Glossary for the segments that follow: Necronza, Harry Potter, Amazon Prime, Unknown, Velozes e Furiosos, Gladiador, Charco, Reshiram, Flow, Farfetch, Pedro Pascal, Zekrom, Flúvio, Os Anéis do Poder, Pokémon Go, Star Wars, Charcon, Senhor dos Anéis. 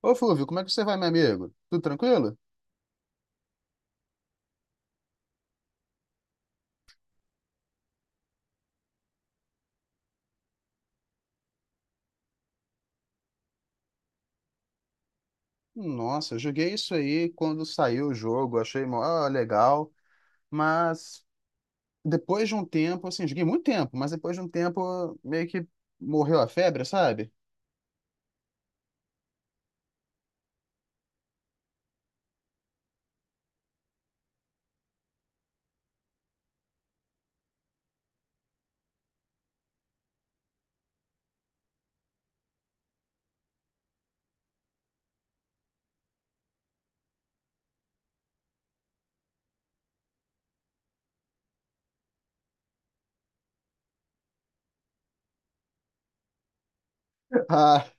Ô, Flúvio, como é que você vai, meu amigo? Tudo tranquilo? Nossa, eu joguei isso aí quando saiu o jogo, achei mó legal, mas depois de um tempo, assim, joguei muito tempo, mas depois de um tempo meio que morreu a febre, sabe? Ah,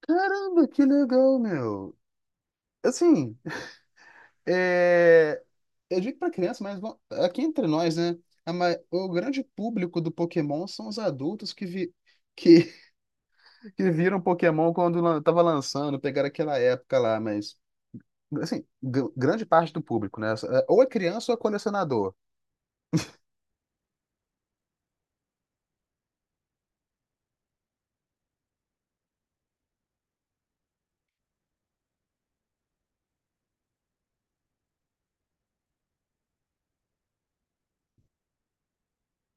caramba, que legal, meu. Assim, é... eu digo pra criança, mas bom, aqui entre nós, né? O grande público do Pokémon são os adultos que, que que viram Pokémon quando tava lançando, pegaram aquela época lá, mas assim, grande parte do público, né? É, ou é criança ou é colecionador,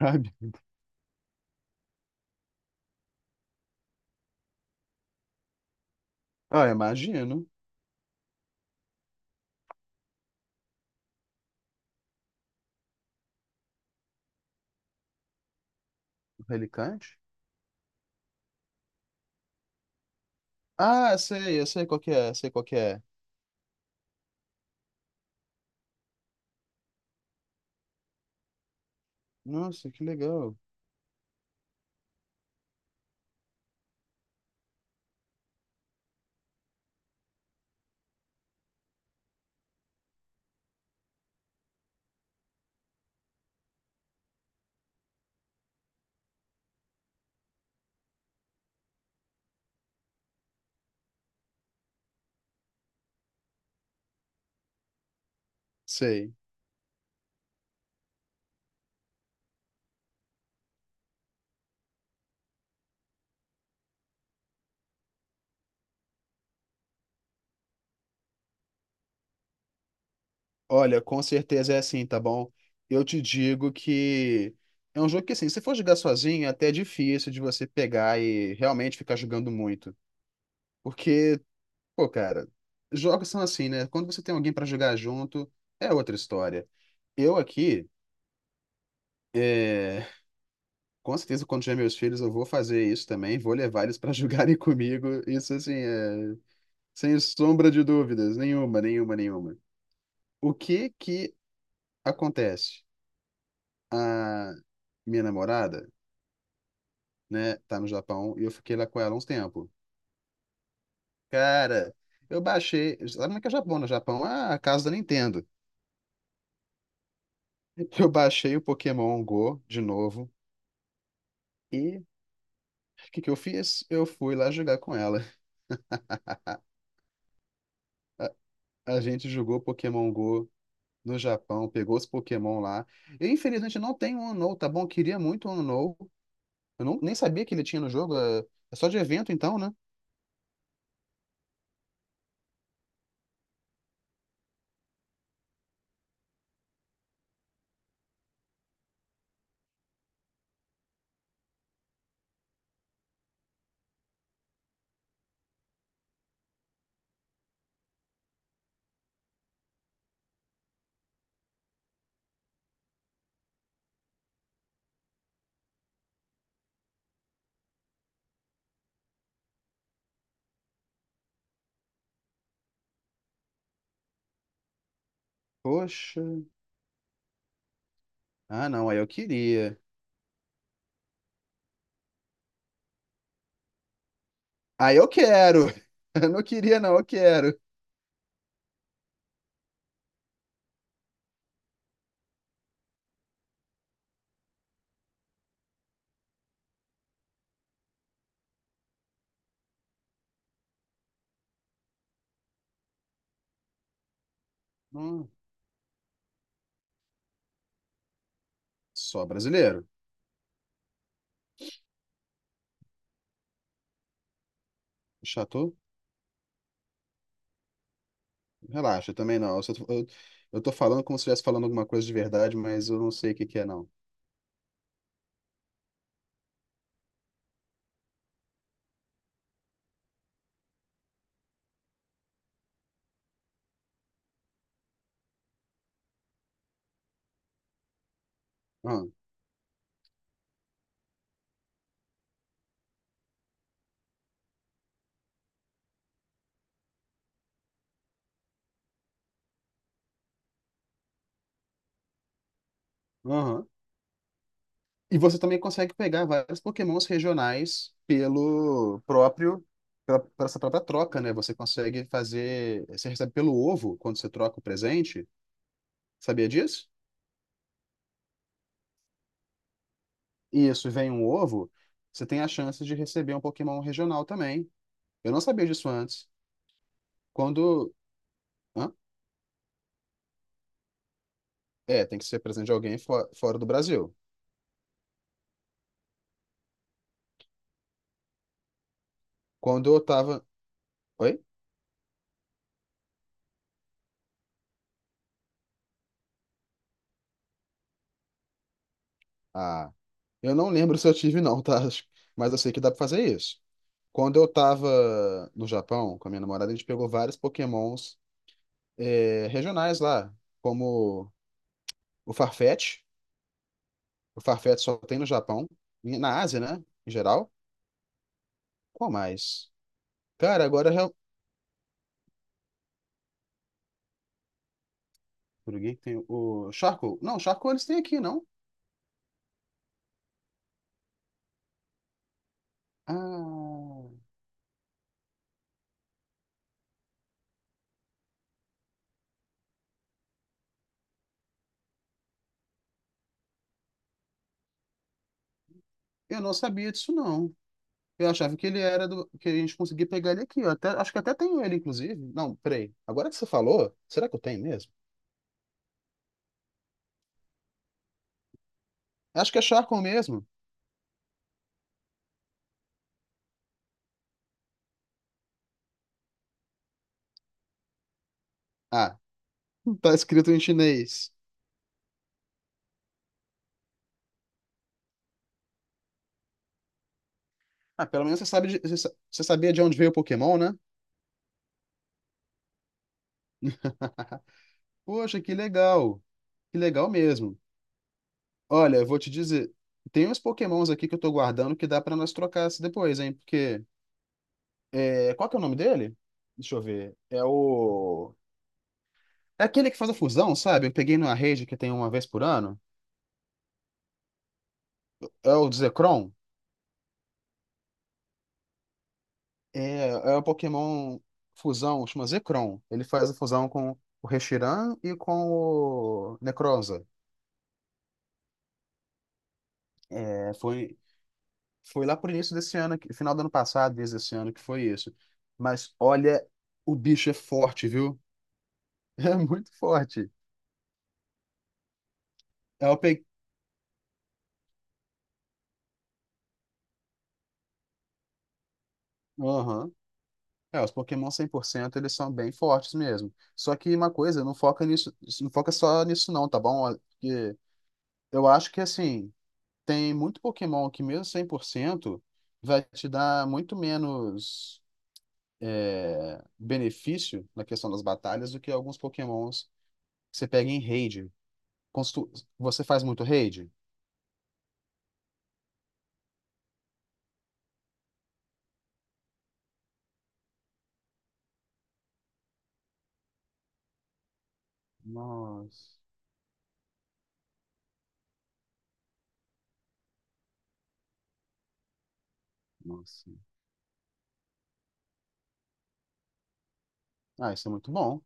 sabe? Ah, imagino. Relicante? Ah, sei, eu sei qual que é, sei qual que é. Nossa, que legal. Sei. Olha, com certeza é assim, tá bom? Eu te digo que é um jogo que, assim, se for jogar sozinho, até é difícil de você pegar e realmente ficar jogando muito. Porque pô, cara, jogos são assim, né? Quando você tem alguém pra jogar junto, é outra história. Eu aqui, é, com certeza, quando tiver meus filhos, eu vou fazer isso também, vou levar eles pra jogarem comigo. Isso, assim, sem sombra de dúvidas, nenhuma, nenhuma, nenhuma. O que que acontece? A minha namorada, né, tá no Japão e eu fiquei lá com ela há uns tempo. Cara, eu baixei. Sabe como é que é o Japão? No Japão, a casa da Nintendo. Eu baixei o Pokémon Go de novo. E o que que eu fiz? Eu fui lá jogar com ela. A, a gente jogou Pokémon Go no Japão, pegou os Pokémon lá. Eu, infelizmente, não tenho um Unknown, tá bom? Eu queria muito um Unknown. Eu não, nem sabia que ele tinha no jogo. É só de evento, então, né? Poxa. Ah, não, aí eu queria. Aí eu quero! Eu não queria, não, eu quero. Hum, só brasileiro. Chato? Relaxa, também não. Eu tô falando como se estivesse falando alguma coisa de verdade, mas eu não sei o que que é, não. Ah, aham. E você também consegue pegar vários Pokémons regionais por essa própria troca, né? Você recebe pelo ovo quando você troca o presente. Sabia disso? Isso, vem um ovo, você tem a chance de receber um Pokémon regional também. Eu não sabia disso antes. Quando, hã? É, tem que ser presente de alguém fora do Brasil. Quando eu tava, oi? Ah, eu não lembro se eu tive não, tá? Mas eu sei que dá pra fazer isso. Quando eu tava no Japão com a minha namorada, a gente pegou vários Pokémons regionais lá, como o Farfetch. O Farfetch só tem no Japão, e na Ásia, né? Em geral. Qual mais? Cara, por que que tem o Charco? Não, Charco eles têm aqui, não? Ah, eu não sabia disso não. Eu achava que ele era do. Que a gente conseguia pegar ele aqui. Acho que até tenho ele, inclusive. Não, peraí. Agora que você falou, será que eu tenho mesmo? Acho que é Charcon mesmo. Ah, tá escrito em chinês. Ah, pelo menos você sabe de- você sa- você sabia de onde veio o Pokémon, né? Poxa, que legal. Que legal mesmo. Olha, eu vou te dizer, tem uns Pokémons aqui que eu tô guardando que dá pra nós trocar se depois, hein? Porque qual que é o nome dele? Deixa eu ver. É o É aquele que faz a fusão, sabe? Eu peguei numa rede que tem uma vez por ano. É o Zekrom? É o Pokémon fusão, chama Zekrom. Ele faz a fusão com o Reshiram e com o Necronza. É, foi, foi lá por início desse ano, final do ano passado, desde esse ano que foi isso. Mas olha, o bicho é forte, viu? É muito forte. É o pe... Aham. É, os Pokémon 100% eles são bem fortes mesmo. Só que uma coisa, não foca nisso, não foca só nisso não, tá bom? Porque eu acho que assim, tem muito Pokémon que, mesmo 100% vai te dar muito menos benefício na questão das batalhas do que alguns Pokémons que você pega em raid. Constru- Você faz muito raid? Nossa, nossa. Ah, isso é muito bom.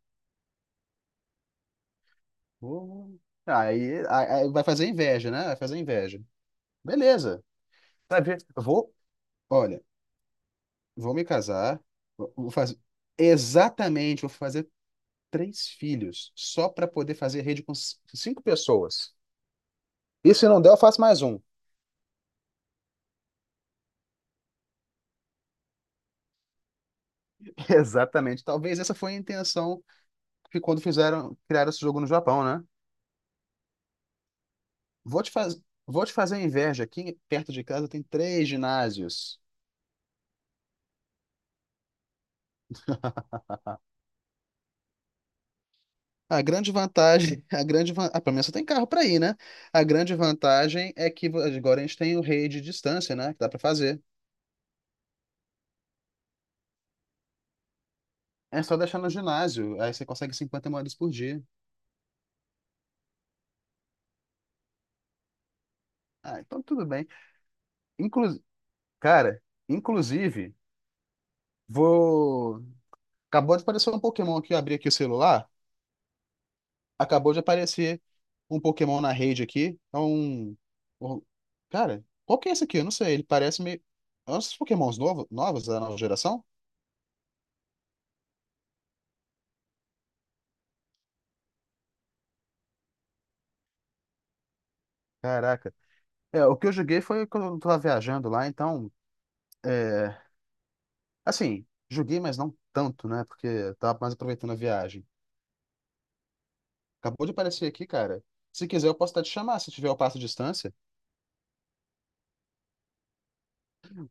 Vou- Aí, aí vai fazer inveja, né? Vai fazer inveja. Beleza. Vai ver. Olha, vou me casar, vou vou fazer vou fazer três filhos só para poder fazer rede com cinco pessoas. E se não der, eu faço mais um. Exatamente. Talvez essa foi a intenção que quando fizeram, criaram esse jogo no Japão, né? Vou te faz... Vou te fazer inveja. Aqui perto de casa tem três ginásios. A grande vantagem, a grande van... ah, pelo menos você tem carro para ir, né? A grande vantagem é que agora a gente tem o rei de distância, né? Que dá para fazer. É só deixar no ginásio, aí você consegue 50 moedas por dia. Ah, então tudo bem. Inclu... Cara, inclusive, vou. Acabou de aparecer um Pokémon aqui, eu abri aqui o celular. Acabou de aparecer um Pokémon na rede aqui. Um- Cara, qual que é esse aqui? Eu não sei. Ele parece meio. É um dos Pokémons novos da nova geração? Caraca. É, o que eu joguei foi quando eu tava viajando lá, então. É... Assim, joguei, mas não tanto, né? Porque eu tava mais aproveitando a viagem. Acabou de aparecer aqui, cara. Se quiser, eu posso até te chamar se tiver o passo de distância.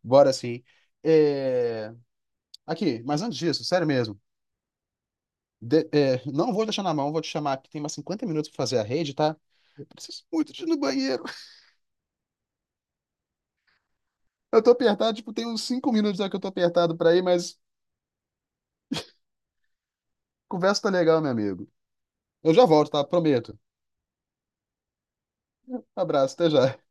Bora sim. É... Aqui, mas antes disso, sério mesmo. Não vou deixar na mão, vou te chamar aqui. Tem mais 50 minutos pra fazer a rede, tá? Preciso muito de ir no banheiro. Eu tô apertado, tipo, tem uns 5 minutos já que eu tô apertado pra ir, mas conversa tá legal, meu amigo. Eu já volto, tá? Prometo. Abraço, até já.